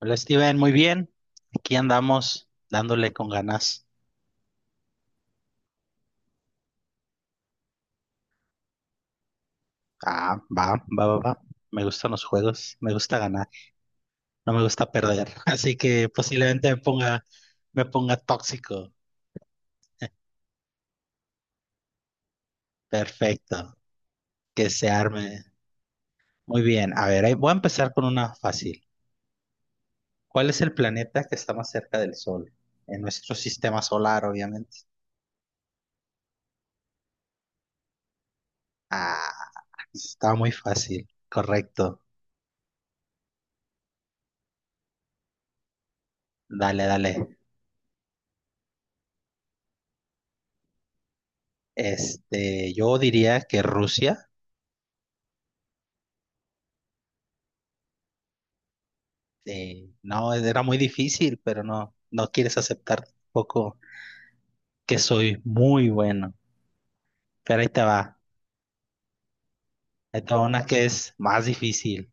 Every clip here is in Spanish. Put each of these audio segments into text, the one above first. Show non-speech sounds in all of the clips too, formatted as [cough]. Hola Steven, muy bien. Aquí andamos dándole con ganas. Ah, va, va, va, va. Me gustan los juegos, me gusta ganar, no me gusta perder. [laughs] Así que posiblemente me ponga tóxico. [laughs] Perfecto, que se arme. Muy bien, a ver, ahí voy a empezar con una fácil. ¿Cuál es el planeta que está más cerca del Sol? En nuestro sistema solar, obviamente. Ah, está muy fácil, correcto. Dale, dale. Yo diría que Rusia. Sí, no, era muy difícil, pero no, no quieres aceptar tampoco que soy muy bueno. Pero ahí te va. Ahí te va una que es más difícil.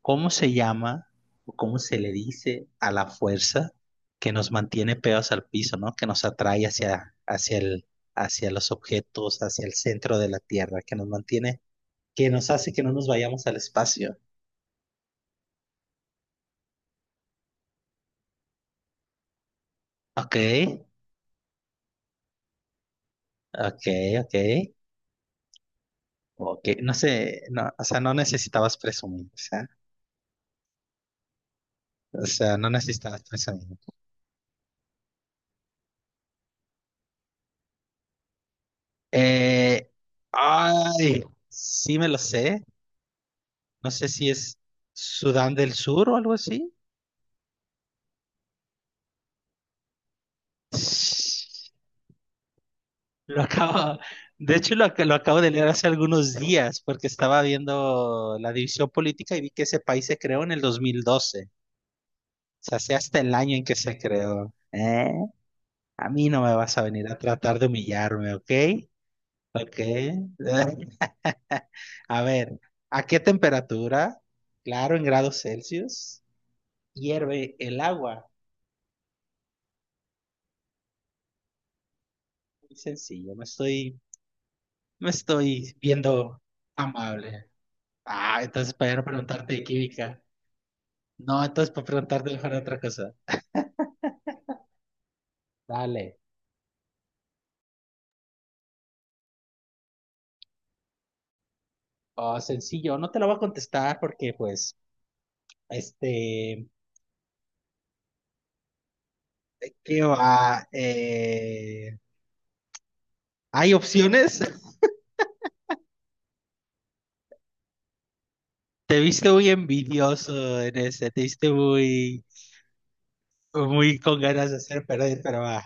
¿Cómo se llama o cómo se le dice a la fuerza que nos mantiene pegados al piso, ¿no? Que nos atrae hacia los objetos, hacia el centro de la Tierra, que nos mantiene, que nos hace que no nos vayamos al espacio. Ok, ok, ok. Ok, no sé, no, o sea, no necesitabas presumir. O sea, no necesitas pensamiento. Eh, ay, sí me lo sé. No sé si es Sudán del Sur o algo así. Lo acabo, de hecho, lo acabo de leer hace algunos días porque estaba viendo la división política y vi que ese país se creó en el 2012. O sea, sé hasta el año en que se creó. ¿Eh? A mí no me vas a venir a tratar de humillarme, ¿ok? ¿Ok? [laughs] [laughs] A ver, ¿a qué temperatura, claro, en grados Celsius, hierve el agua? Muy sencillo, no estoy viendo amable. Ah, entonces para ya no preguntarte de química. No, entonces para preguntarte mejor de otra cosa. Dale. Oh, sencillo, no te lo voy a contestar porque pues, este, ¿qué va? ¿Hay opciones? [laughs] Te viste muy envidioso en ese, muy con ganas de hacer perder, pero va.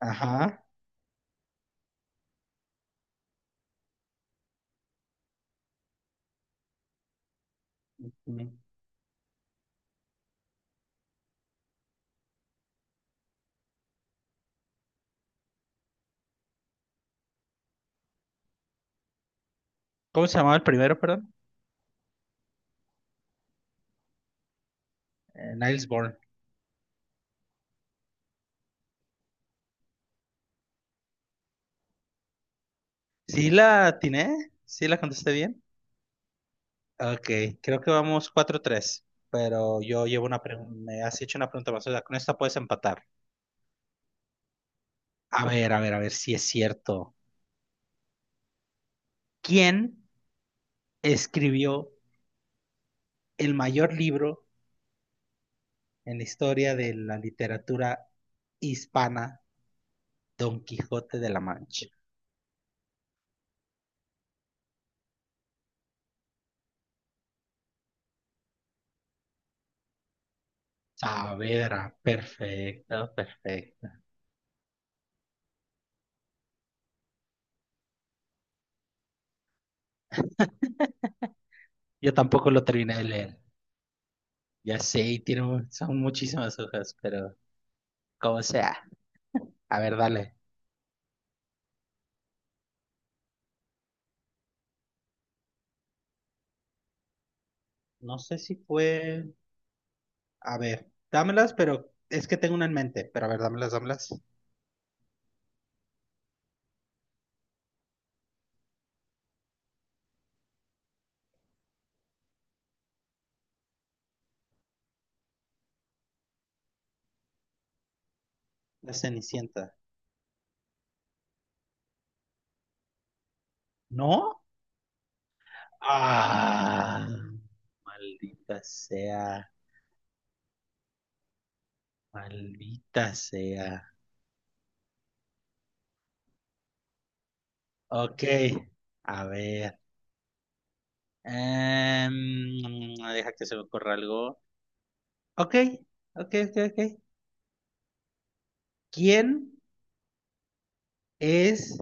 Ajá. ¿Cómo se llamaba el primero, perdón? Niels Bohr. ¿Sí la atiné? ¿Sí la contesté bien? Ok, creo que vamos 4-3, pero yo llevo una pregunta, me has hecho una pregunta más, o sea, con esta puedes empatar. A ver, a ver, a ver si es cierto. ¿Quién escribió el mayor libro en la historia de la literatura hispana, Don Quijote de la Mancha? Saavedra, perfecto, perfecto. Yo tampoco lo terminé de leer. Ya sé, y son muchísimas hojas, pero como sea. A ver, dale. No sé si fue. A ver, dámelas, pero es que tengo una en mente. Pero a ver, dámelas, dámelas. La Cenicienta. ¿No? Ah, ah, maldita sea, maldita sea. Ok, a ver. Deja que se me ocurra algo. Ok, ok, ok, ok. ¿Quién es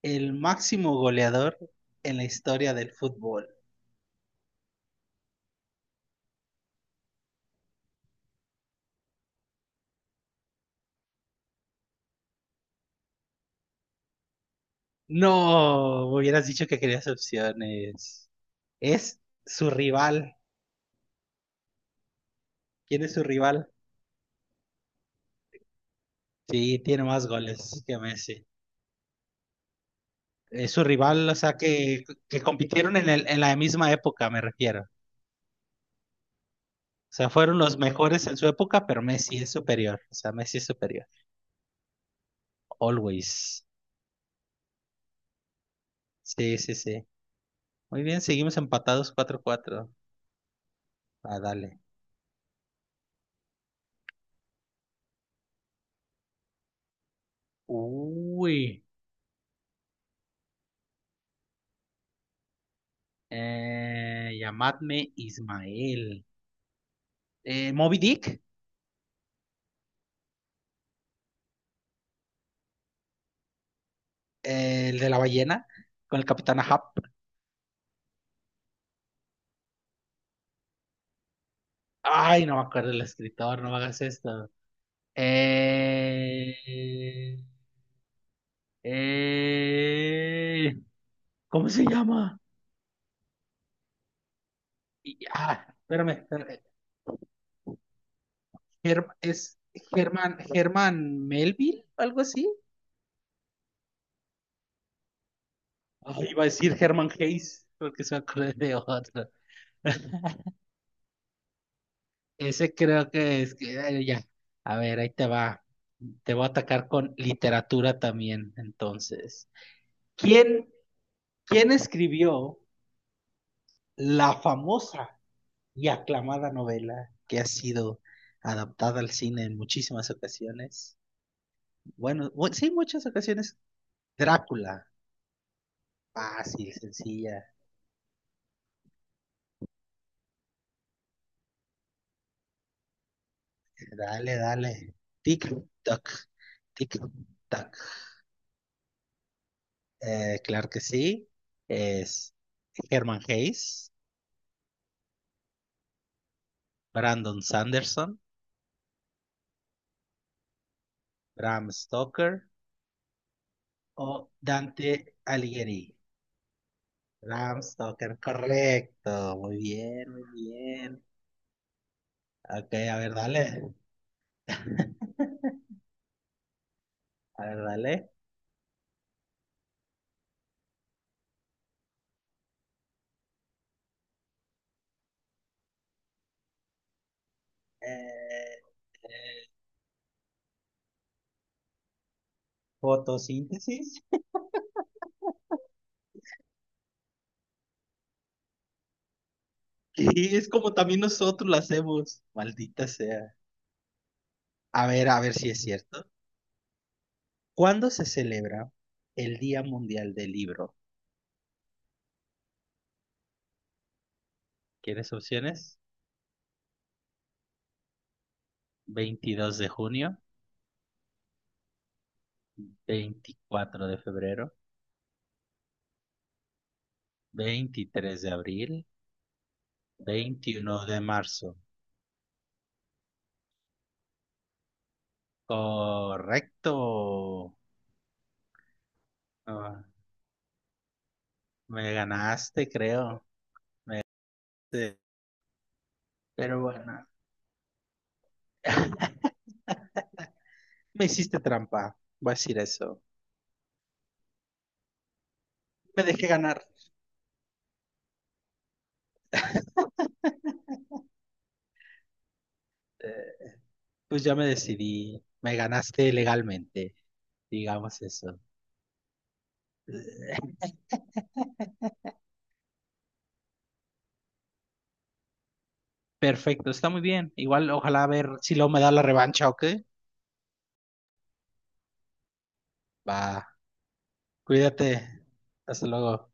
el máximo goleador en la historia del fútbol? No, me hubieras dicho que querías opciones. Es su rival. ¿Quién es su rival? Sí, tiene más goles que Messi. Es su rival, o sea, que compitieron en la misma época, me refiero. O sea, fueron los mejores en su época, pero Messi es superior. O sea, Messi es superior. Always. Sí, sí, sí. Muy bien, seguimos empatados 4-4. Ah, dale. Uy. Llamadme Ismael. Moby Dick, el de la ballena, con el capitán Ahab. Ay, no me acuerdo el escritor, no me hagas esto. Eh, eh, ¿cómo se llama? Ah, espérame, espérame. Es Germán Melville, algo así. Ay, iba a decir Germán Hayes, porque se me acordé de otro. [laughs] Ese creo que es que ay, ya. A ver, ahí te va. Te voy a atacar con literatura también, entonces. ¿Quién, quién escribió la famosa y aclamada novela que ha sido adaptada al cine en muchísimas ocasiones? Bueno, sí, muchas ocasiones. Drácula. Fácil, sencilla. Dale, dale. Tic-tac. Tic-tac. Claro que sí. Es Herman Hesse, Brandon Sanderson, Bram Stoker o Dante Alighieri. Bram Stoker, correcto. Muy bien, muy bien. Ok, a ver, dale. [laughs] A ver, dale. Eh, fotosíntesis. [laughs] Y es como también nosotros lo hacemos, maldita sea. A ver si es cierto. ¿Cuándo se celebra el Día Mundial del Libro? ¿Quieres opciones? 22 de junio, 24 de febrero, 23 de abril, 21 de marzo. Correcto. Ah, me ganaste, creo. Sí. Pero bueno, [laughs] me hiciste trampa. Voy a decir eso. Me dejé ganar. Eh, pues ya me decidí. Me ganaste legalmente, digamos eso. Eh, Perfecto, está muy bien. Igual, ojalá a ver si luego me da la revancha o qué. Va, cuídate. Hasta luego.